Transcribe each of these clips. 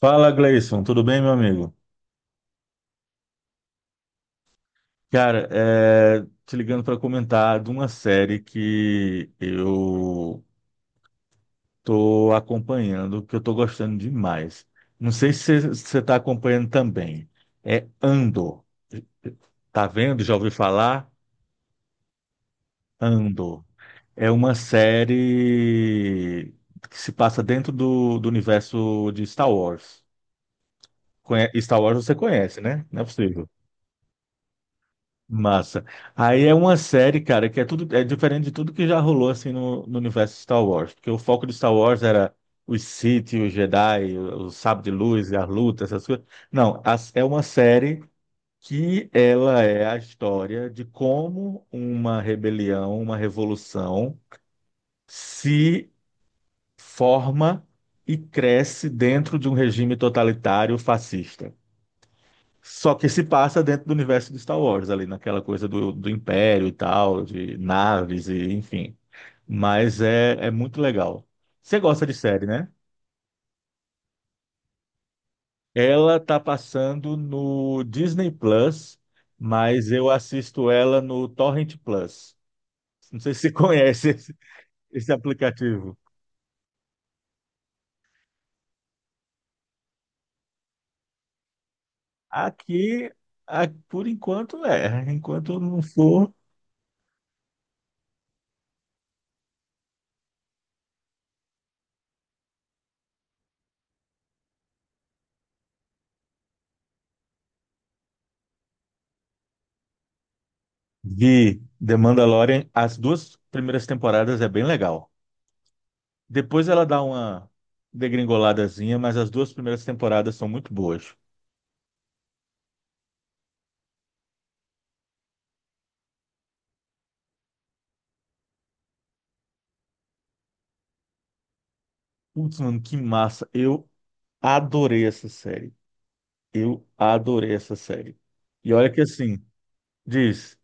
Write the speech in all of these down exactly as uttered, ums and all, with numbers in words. Fala, Gleison, tudo bem, meu amigo? Cara, é, te ligando para comentar de uma série que eu tô acompanhando, que eu tô gostando demais. Não sei se você está acompanhando também. É Andor. Tá vendo? Já ouviu falar? Andor. É uma série que se passa dentro do, do universo de Star Wars. Conhe- Star Wars você conhece, né? Não é possível. Massa. Aí é uma série, cara, que é tudo é diferente de tudo que já rolou assim no, no universo de Star Wars, porque o foco de Star Wars era os Sith, os Jedi, o, o sabre de luz, a luta, essas coisas. Não, a- é uma série que ela é a história de como uma rebelião, uma revolução se forma e cresce dentro de um regime totalitário fascista. Só que se passa dentro do universo de Star Wars, ali naquela coisa do, do Império e tal, de naves e enfim. Mas é, é muito legal. Você gosta de série, né? Ela tá passando no Disney Plus, mas eu assisto ela no Torrent Plus. Não sei se você conhece esse, esse aplicativo. Aqui, a- por enquanto, é. Enquanto não for, vi The Mandalorian. As duas primeiras temporadas é bem legal. Depois ela dá uma degringoladazinha, mas as duas primeiras temporadas são muito boas. Putz, mano, que massa. Eu adorei essa série. Eu adorei essa série. E olha que assim, diz,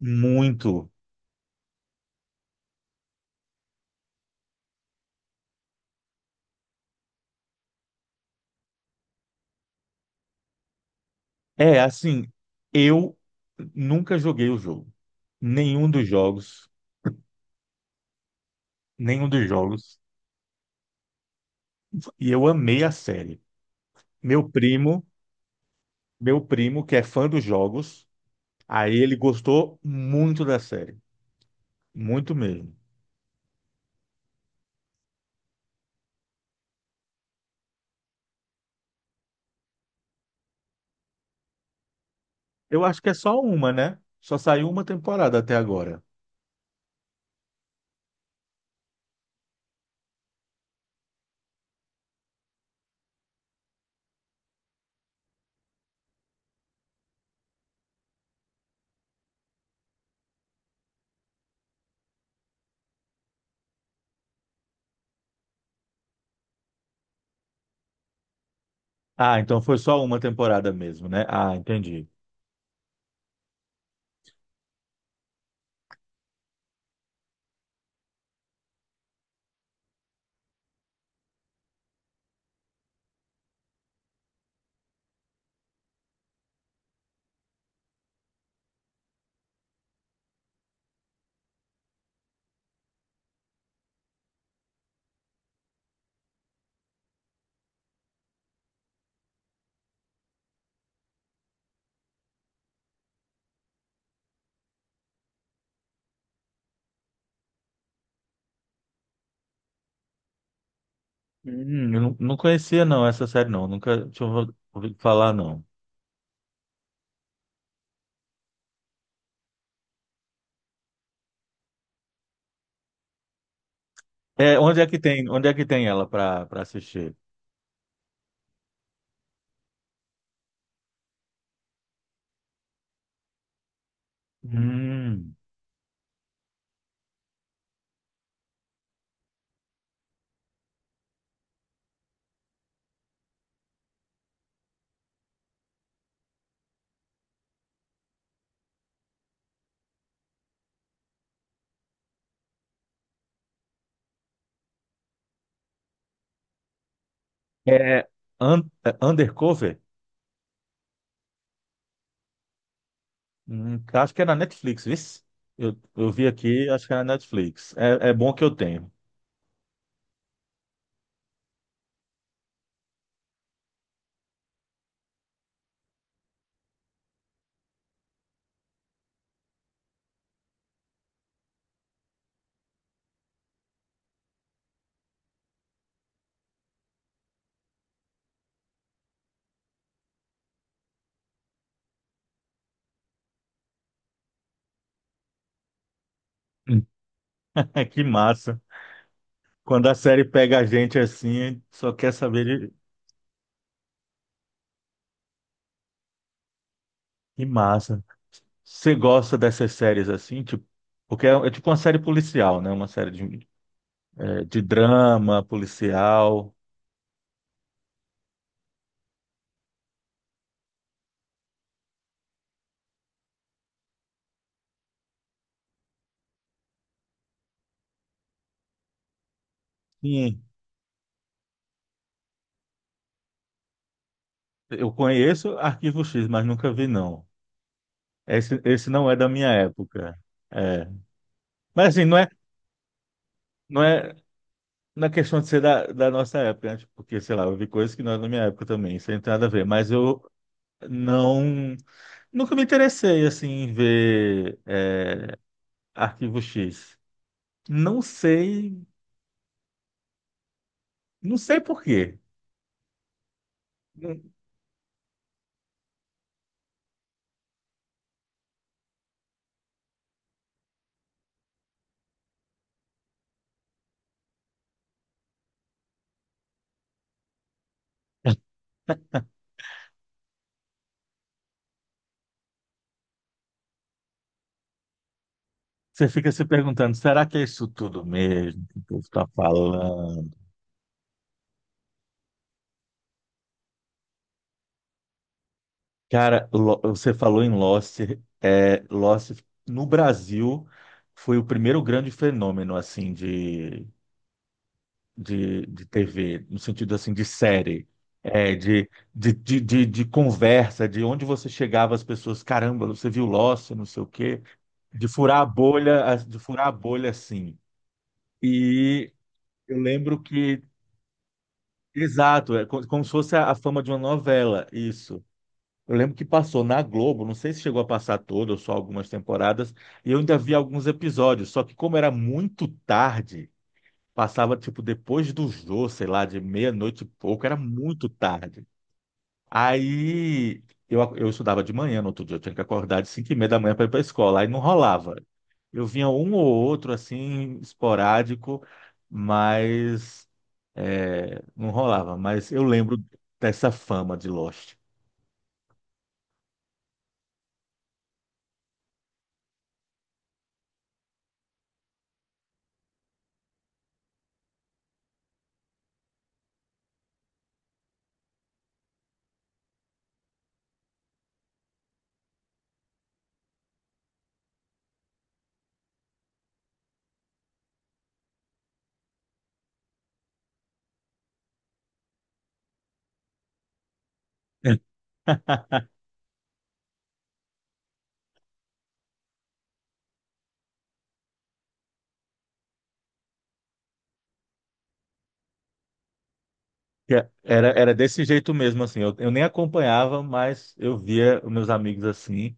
muito. É, assim, eu nunca joguei o jogo. Nenhum dos jogos, nenhum dos jogos. E eu amei a série. Meu primo, meu primo que é fã dos jogos, aí ele gostou muito da série, muito mesmo. Eu acho que é só uma, né? Só saiu uma temporada até agora. Ah, então foi só uma temporada mesmo, né? Ah, entendi. Hum, eu não, não conhecia não essa série não, nunca tinha ouvi- ouvido falar não. É, onde é que tem, onde é que tem ela para para assistir? Hum, é un, é Undercover? Hum, acho que é na Netflix, viu? Eu, eu vi aqui, acho que é na Netflix. É, é bom que eu tenho. Que massa. Quando a série pega a gente assim, só quer saber de... Que massa. Você gosta dessas séries assim, tipo, porque é, é tipo uma série policial, né? Uma série de, é, de drama policial. Sim. Eu conheço Arquivo X, mas nunca vi, não. Esse, esse não é da minha época. É. Mas assim, não é, não é na questão de ser da, da nossa época, né? Tipo, porque, sei lá, eu vi coisas que não é da minha época também, isso aí não tem nada a ver. Mas eu não, nunca me interessei assim em ver é, Arquivo X. Não sei, não sei por quê. Você fica se perguntando, será que é isso tudo mesmo que o povo está falando? Cara, Lo- você falou em Lost, é, Lost no Brasil foi o primeiro grande fenômeno assim de, de, de T V, no sentido assim de série, é, de, de, de, de, de conversa, de onde você chegava as pessoas, caramba, você viu Lost, não sei o quê, de furar a bolha, de furar a bolha assim. E eu lembro que exato, é co- como se fosse a a fama de uma novela, isso. Eu lembro que passou na Globo, não sei se chegou a passar toda ou só algumas temporadas, e eu ainda vi alguns episódios, só que como era muito tarde, passava tipo depois do Jô, sei lá, de meia-noite e pouco, era muito tarde. Aí eu, ac- eu estudava de manhã, no outro dia eu tinha que acordar de cinco e meia da manhã para ir para a escola, aí não rolava. Eu vinha um ou outro, assim, esporádico, mas é, não rolava. Mas eu lembro dessa fama de Lost. Que era, era desse jeito mesmo, assim. Eu, eu nem acompanhava, mas eu via os meus amigos assim,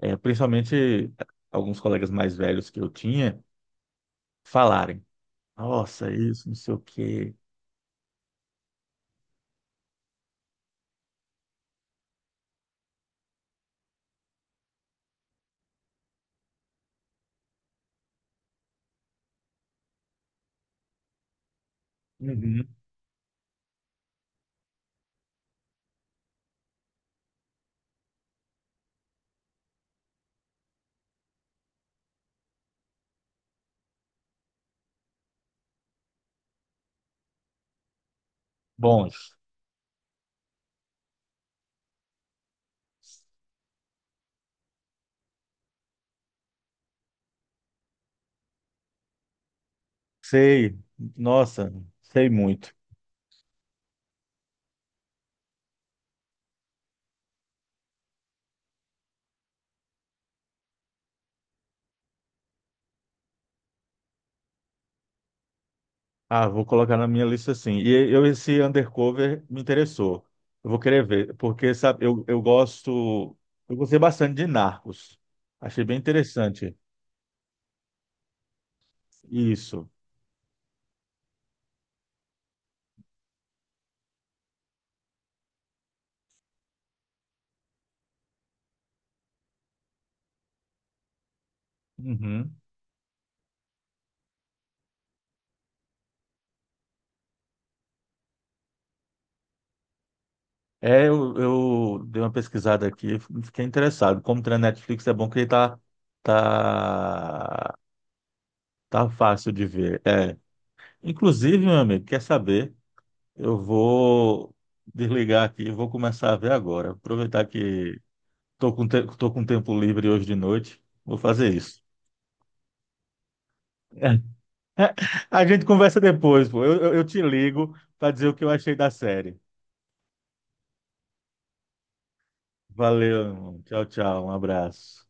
é, principalmente alguns colegas mais velhos que eu tinha, falarem: nossa, isso, não sei o quê. Uhum. Bons. Sei. Nossa, sei muito. Ah, vou colocar na minha lista sim. E eu esse Undercover me interessou. Eu vou querer ver, porque sabe, eu, eu gosto, eu gostei bastante de Narcos. Achei bem interessante isso. Uhum. É, eu, eu dei uma pesquisada aqui, fiquei interessado. Como tem na Netflix, é bom que ele tá, tá, tá fácil de ver. É. Inclusive, meu amigo, quer saber? Eu vou desligar aqui, e vou começar a ver agora. Aproveitar que Tô com, te- tô com tempo livre hoje de noite. Vou fazer isso. A gente conversa depois, pô. Eu, eu, eu te ligo para dizer o que eu achei da série. Valeu, irmão. Tchau, tchau. Um abraço.